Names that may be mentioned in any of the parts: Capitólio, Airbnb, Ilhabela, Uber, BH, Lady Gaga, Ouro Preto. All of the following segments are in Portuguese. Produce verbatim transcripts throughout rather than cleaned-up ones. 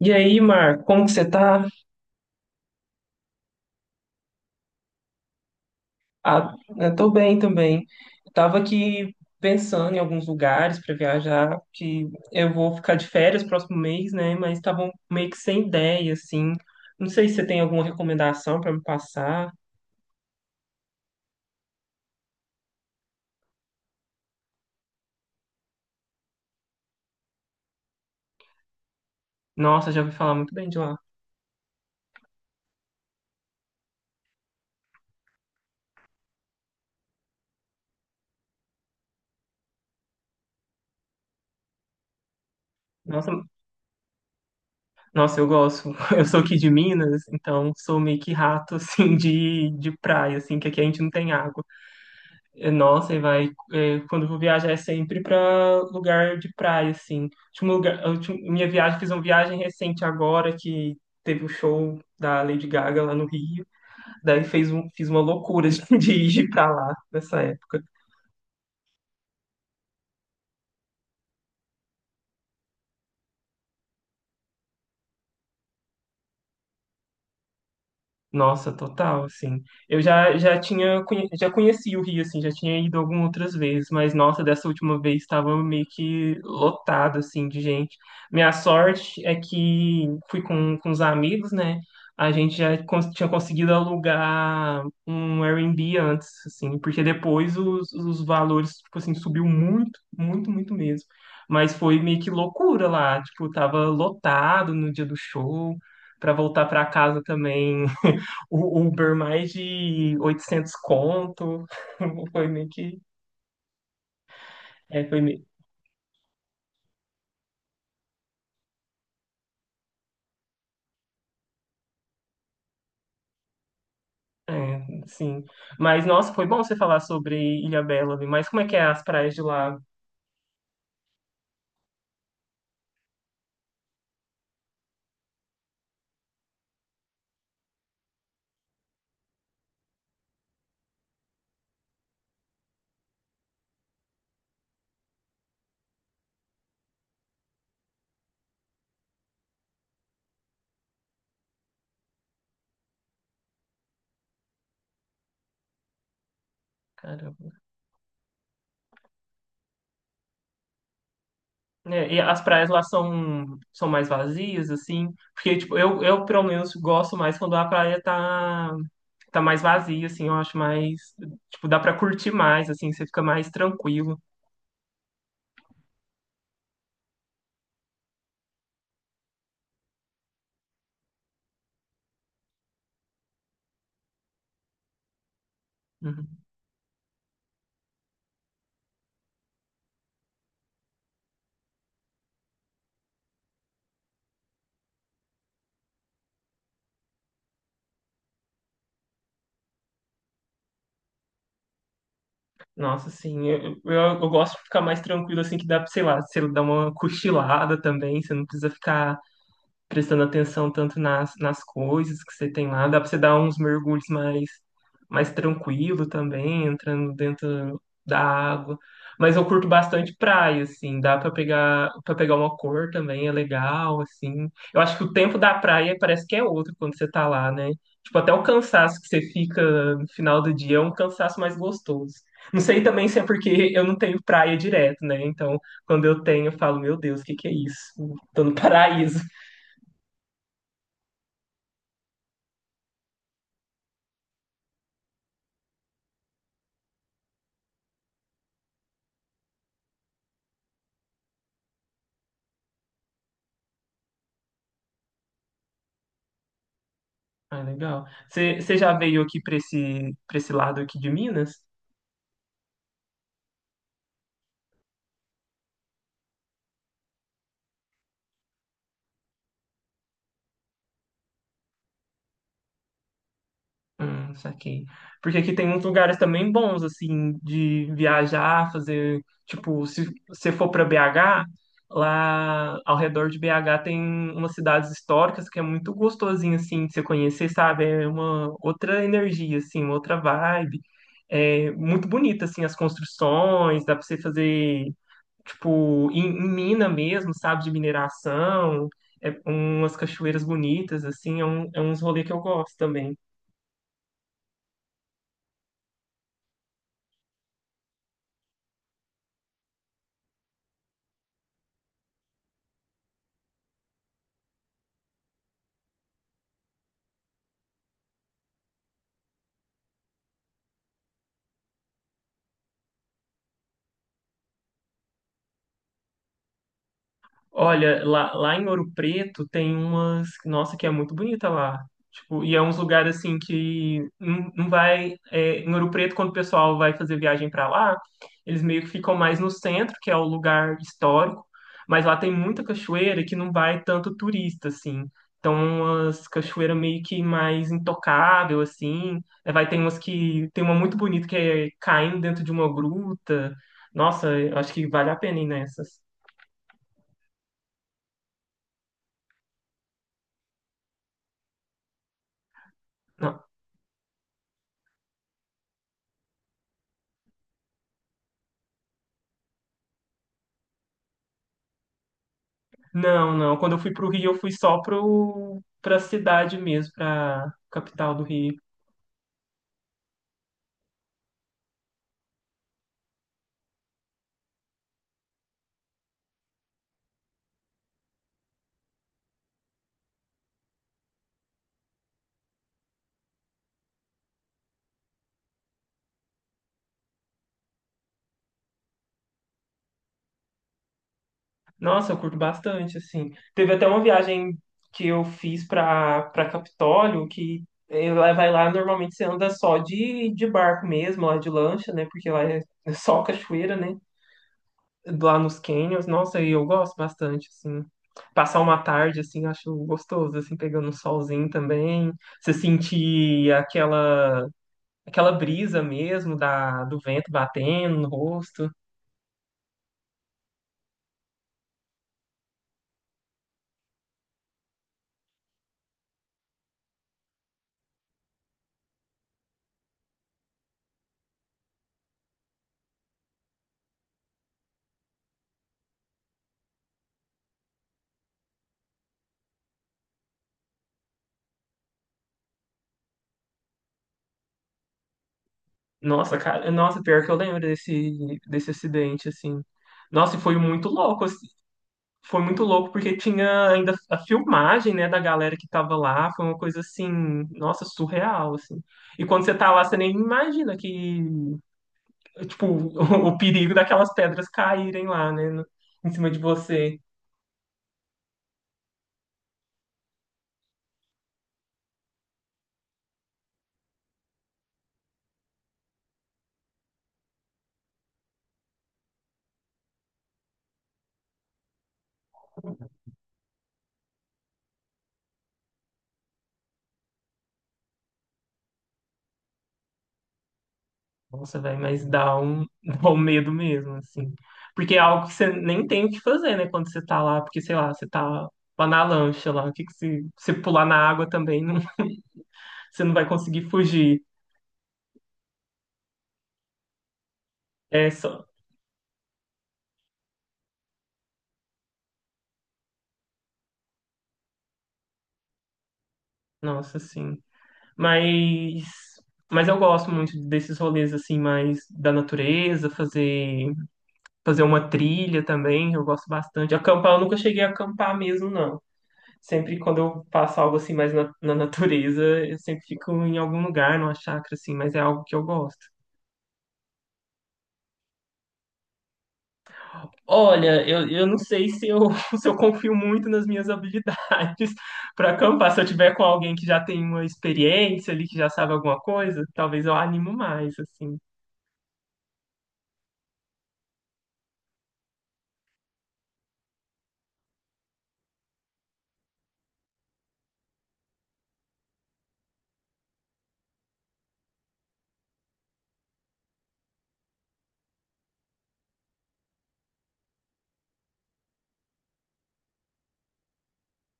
E aí, Mar, como que você tá? Ah, eu tô bem também. Tava aqui pensando em alguns lugares para viajar, que eu vou ficar de férias próximo mês, né? Mas tava meio que sem ideia, assim. Não sei se você tem alguma recomendação para me passar. Nossa, já ouvi falar muito bem de lá. Nossa, nossa, eu gosto. Eu sou aqui de Minas, então sou meio que rato, assim, de, de praia, assim, que aqui a gente não tem água. É, nossa, e vai. é, quando eu vou viajar é sempre pra lugar de praia, assim. Último lugar, a última- minha viagem, Fiz uma viagem recente agora que teve o show da Lady Gaga lá no Rio. Daí fez um, fiz uma loucura de ir pra lá nessa época. Nossa, total, assim. Eu já, já tinha, conhe- já conheci o Rio, assim, já tinha ido algumas outras vezes, mas nossa, dessa última vez estava meio que lotado, assim, de gente. Minha sorte é que fui com, com os amigos, né? A gente já cons- tinha conseguido alugar um Airbnb antes, assim, porque depois os, os valores, tipo assim, subiu muito, muito, muito mesmo. Mas foi meio que loucura lá, tipo, tava lotado no dia do show, para voltar para casa também. O Uber mais de oitocentos conto. Foi meio que. É, foi meio. É, sim. Mas, nossa, foi bom você falar sobre Ilhabela, viu? Mas como é que é as praias de lá? Caramba. É, e as praias lá são, são mais vazias, assim? Porque, tipo, eu, eu, pelo menos, gosto mais quando a praia tá, tá mais vazia, assim. Eu acho mais. Tipo, dá pra curtir mais, assim. Você fica mais tranquilo. Uhum. Nossa, assim, eu, eu, eu gosto de ficar mais tranquilo, assim, que dá, pra, sei lá, você dá uma cochilada também, você não precisa ficar prestando atenção tanto nas, nas coisas que você tem lá, dá para você dar uns mergulhos mais, mais tranquilo também, entrando dentro da água. Mas eu curto bastante praia, assim, dá para pegar para pegar uma cor também, é legal, assim. Eu acho que o tempo da praia parece que é outro quando você tá lá, né? Tipo, até o cansaço que você fica no final do dia é um cansaço mais gostoso. Não sei também se é porque eu não tenho praia direto, né? Então, quando eu tenho, eu falo, meu Deus, o que que é isso? Tô no paraíso. Ah, legal. Você você já veio aqui para esse, para esse lado aqui de Minas? Hum, saquei. Porque aqui tem uns lugares também bons, assim, de viajar, fazer. Tipo, se você for para B H, lá ao redor de B H tem umas cidades históricas que é muito gostosinho, assim, de você conhecer, sabe? É uma outra energia, assim, uma outra vibe. É muito bonita, assim, as construções, dá para você fazer. Tipo, em, em mina mesmo, sabe, de mineração, é umas cachoeiras bonitas, assim, é, um, é uns rolês que eu gosto também. Olha, lá, lá em Ouro Preto tem umas. Nossa, que é muito bonita lá. Tipo, e é uns lugares assim que não, não vai. é, em Ouro Preto, quando o pessoal vai fazer viagem pra lá, eles meio que ficam mais no centro, que é o lugar histórico. Mas lá tem muita cachoeira que não vai tanto turista, assim. Então, umas cachoeiras meio que mais intocável, assim. É, vai ter umas que. Tem uma muito bonita que é caindo dentro de uma gruta. Nossa, eu acho que vale a pena ir nessas. Não, não. Quando eu fui pro Rio, eu fui só pro, pra cidade mesmo, pra capital do Rio. Nossa, eu curto bastante, assim. Teve até uma viagem que eu fiz pra, pra Capitólio, que eh, lá- vai lá, normalmente você anda só de, de barco mesmo, lá de lancha, né? Porque lá é é só cachoeira, né? Lá nos canyons. Nossa, e eu gosto bastante, assim. Passar uma tarde, assim, eu acho gostoso, assim, pegando um solzinho também. Você sentir aquela Aquela brisa mesmo da, do vento batendo no rosto. Nossa, cara, nossa, pior que eu lembro desse, desse acidente, assim. Nossa, e foi muito louco, assim. Foi muito louco porque tinha ainda a filmagem, né, da galera que tava lá, foi uma coisa assim, nossa, surreal, assim. E quando você tá lá, você nem imagina que, tipo, o, perigo daquelas pedras caírem lá, né, no- em cima de você. Nossa, velho, mas dá um, dá um medo mesmo, assim. Porque é algo que você nem tem o que fazer, né, quando você tá lá, porque, sei lá, você tá lá na lancha lá, o que que se você pular na água também, não, você não vai conseguir fugir. É só. Nossa, sim. Mas, mas eu gosto muito desses rolês, assim, mais da natureza, fazer, fazer uma trilha também, eu gosto bastante. Acampar, eu nunca cheguei a acampar mesmo, não. Sempre quando eu faço algo assim mais na, na natureza, eu sempre fico em algum lugar, numa chácara, assim, mas é algo que eu gosto. Olha, eu, eu não sei se eu, se eu confio muito nas minhas habilidades para acampar. Se eu tiver com alguém que já tem uma experiência ali, que já sabe alguma coisa, talvez eu animo mais, assim.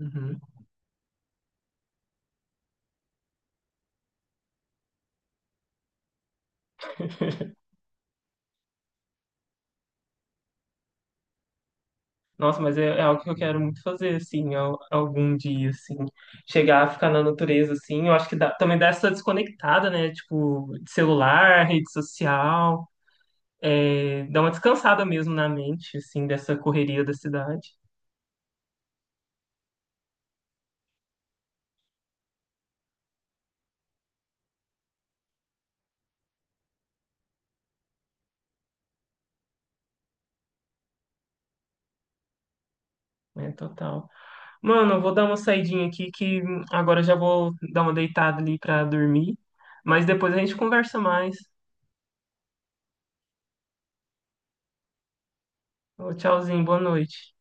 Uhum. Nossa, mas é, é algo que eu quero muito fazer, assim, al- algum dia, assim. Chegar a ficar na natureza, assim. Eu acho que dá- também dá essa desconectada, né? Tipo, de celular, rede social. Dá uma descansada mesmo na mente, assim, dessa correria da cidade. É, total. Mano, eu vou dar uma saidinha aqui que hum, agora já vou dar uma deitada ali pra dormir. Mas depois a gente conversa mais. Ô, tchauzinho, boa noite.